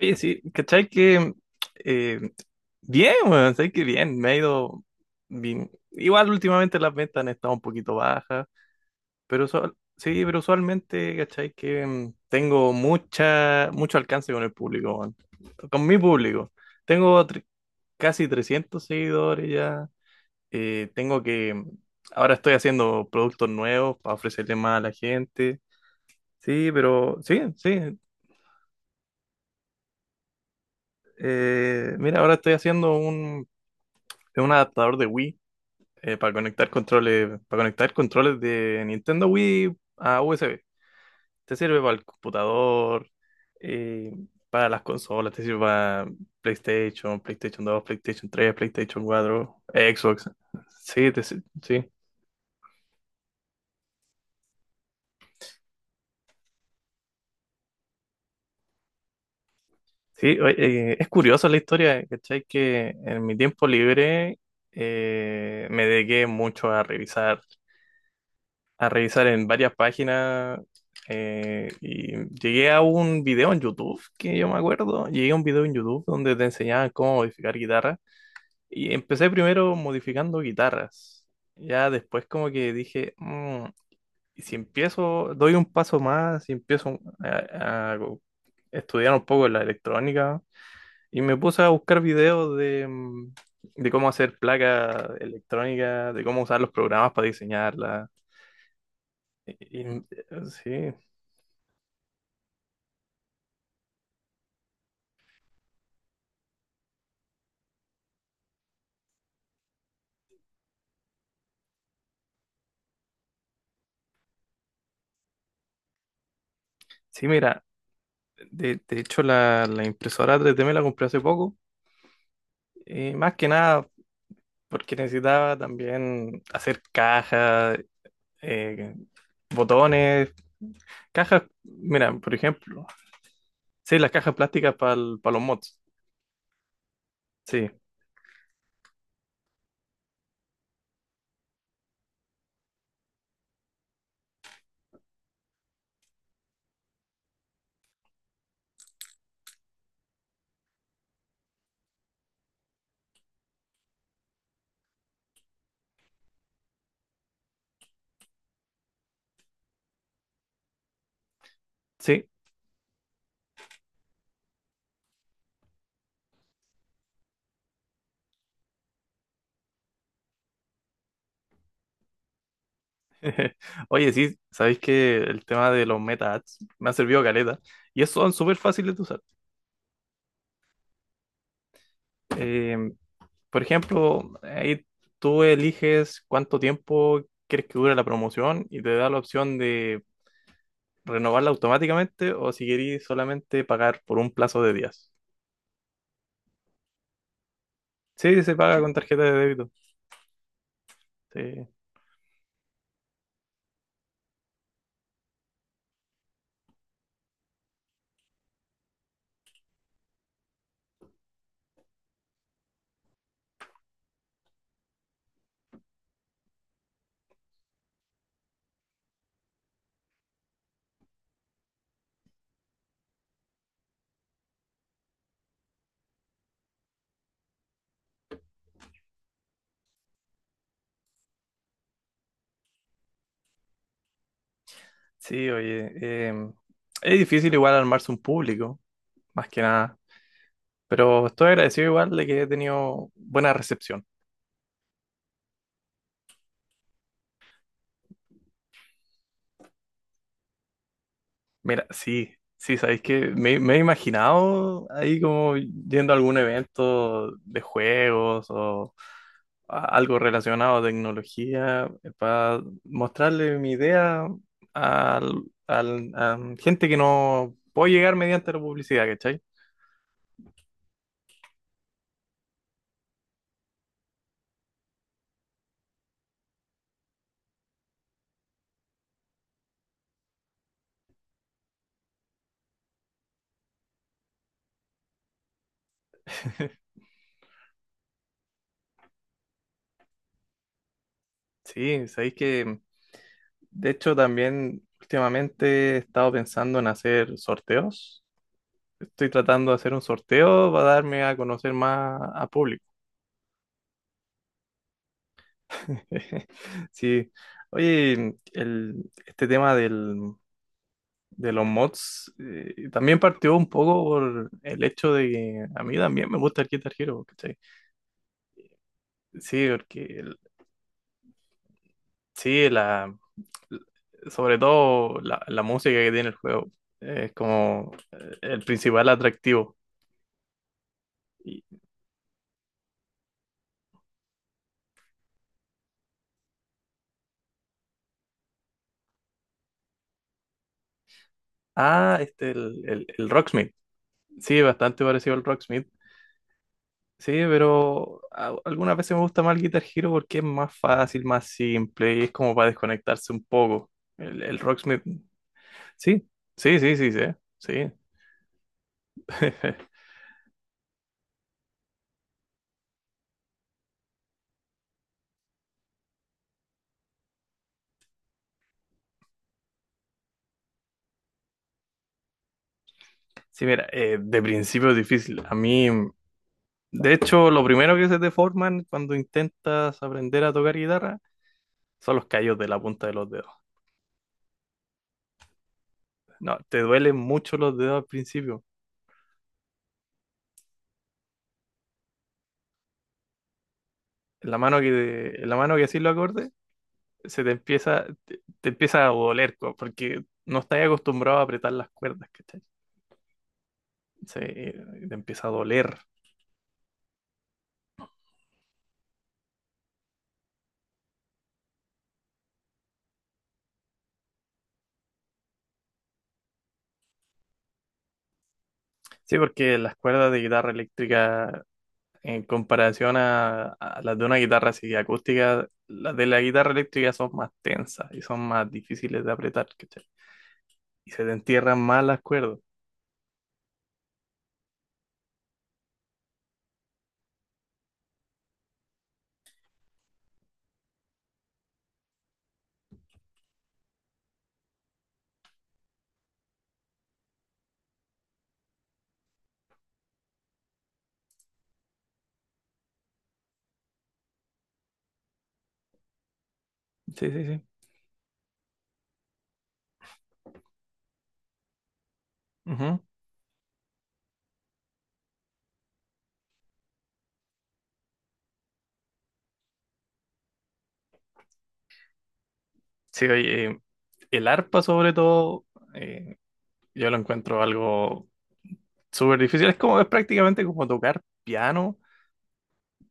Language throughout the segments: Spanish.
Oye, sí, ¿cachai que eh, bien, weón? ¿Sabes que bien? Me ha ido bien. Igual últimamente las ventas han estado un poquito bajas, pero pero usualmente, ¿cachai que tengo mucho alcance con el público, weón. Con mi público. Tengo tre- Casi 300 seguidores ya. Tengo que, ahora estoy haciendo productos nuevos para ofrecerle más a la gente. Sí, pero sí, sí. Mira, ahora estoy haciendo un. Es un adaptador de Wii para conectar controles de Nintendo Wii a USB. Te sirve para el computador, eh, para las consolas, te sirve para PlayStation, PlayStation dos, PlayStation tres, PlayStation cuatro, Xbox. Sí. Sí, oye, es curiosa la historia, ¿cachai? Que en mi tiempo libre me dediqué mucho a revisar. A revisar en varias páginas y llegué a un video en YouTube, que yo me acuerdo, llegué a un video en YouTube donde te enseñaban cómo modificar guitarras y empecé primero modificando guitarras. Ya después como que dije: ¿Y si empiezo, doy un paso más, y empiezo a estudiar un poco la electrónica?". Y me puse a buscar videos de de cómo hacer placas electrónicas, de cómo usar los programas para diseñarlas. Y- y- sí. Sí, mira, de hecho la impresora 3D me la compré hace poco, más que nada porque necesitaba también hacer cajas, eh, botones, cajas, mira, por ejemplo, sí, las cajas plásticas para los mods, sí, sí. Oye, sí, sabéis que el tema de los meta ads me ha servido caleta y son súper fáciles de usar. Eh, Por ejemplo, ahí tú eliges cuánto tiempo quieres que dure la promoción y te da la opción de renovarla automáticamente o si querís solamente pagar por un plazo de días. Sí, se paga con tarjeta de débito. Sí, sí, oye, es difícil igual armarse un público, más que nada, pero estoy agradecido igual de que he tenido buena recepción. Mira, sí, sí, sabéis que me he imaginado ahí como yendo a algún evento de juegos o algo relacionado a tecnología para mostrarle mi idea al, a gente que no puedo llegar mediante la publicidad, ¿cachai? Sí, sabéis que de hecho también últimamente he estado pensando en hacer sorteos. Estoy tratando de hacer un sorteo para darme a conocer más a público. Sí. Oye, este tema del de los mods, también partió un poco por el hecho de que a mí también me gusta el Guitar Hero, ¿cachai? Sí, porque el- sí, sobre todo la música que tiene el juego es como el principal atractivo. Y- ah, el Rocksmith. Sí, bastante parecido al Rocksmith. Sí, pero algunas veces me gusta más el Guitar Hero porque es más fácil, más simple y es como para desconectarse un poco. El Rocksmith. Sí, sí, sí, sí, sí. Sí. Sí, mira, de principio es difícil. A mí, de hecho, lo primero que se te forman cuando intentas aprender a tocar guitarra son los callos de la punta de los dedos. No, te duelen mucho los dedos al principio. En la mano que así lo acorde, se te empieza, te empieza a doler, porque no estás acostumbrado a apretar las cuerdas, ¿cachai? Te empieza a doler. Sí, porque las cuerdas de guitarra eléctrica. En comparación a las de una guitarra así acústica, las de la guitarra eléctrica son más tensas y son más difíciles de apretar, ¿cachai? Y se te entierran más las cuerdas. Sí, sí, sí. Ujú. Sí, oye, el arpa sobre todo, eh, yo lo encuentro algo súper difícil. Es prácticamente como tocar piano,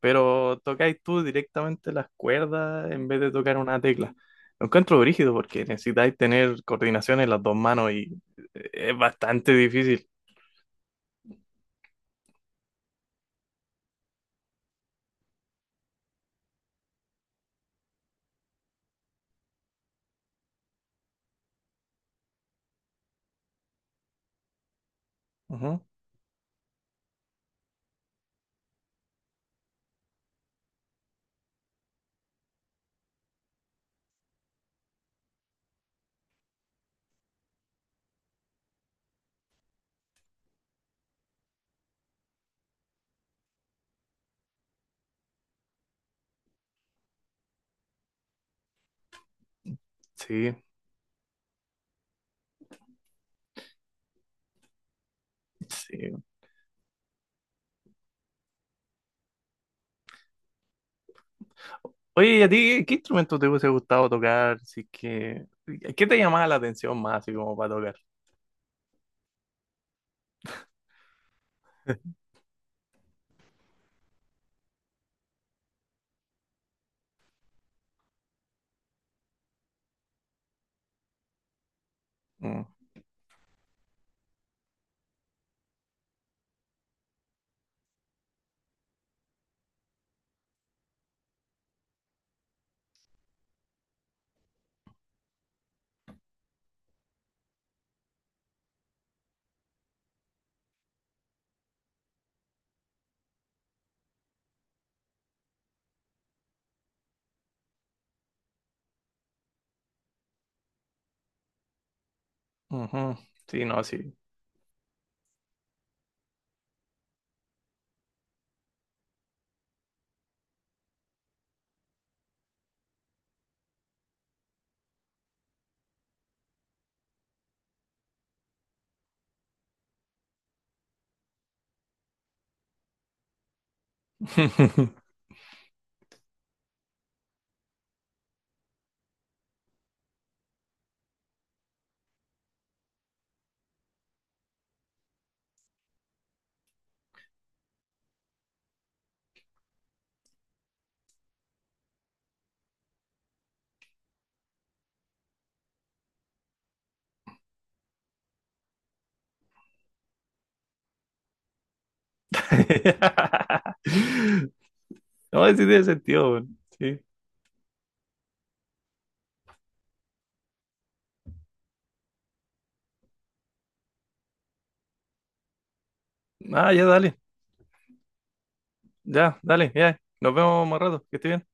pero tocáis tú directamente las cuerdas en vez de tocar una tecla. Lo encuentro brígido porque necesitáis tener coordinación en las dos manos y es bastante difícil. Ujú. Sí, sí. Oye, ¿y a ti qué instrumento te hubiese gustado tocar? Si es que, ¿qué te llamaba la atención más, así como para tocar? Mm. Ujú. Sí, no, sí. No, sí tiene sentido, weón. Sí. Ah, ya, dale. Ya, dale, ya. Nos vemos más rato. Que estés bien.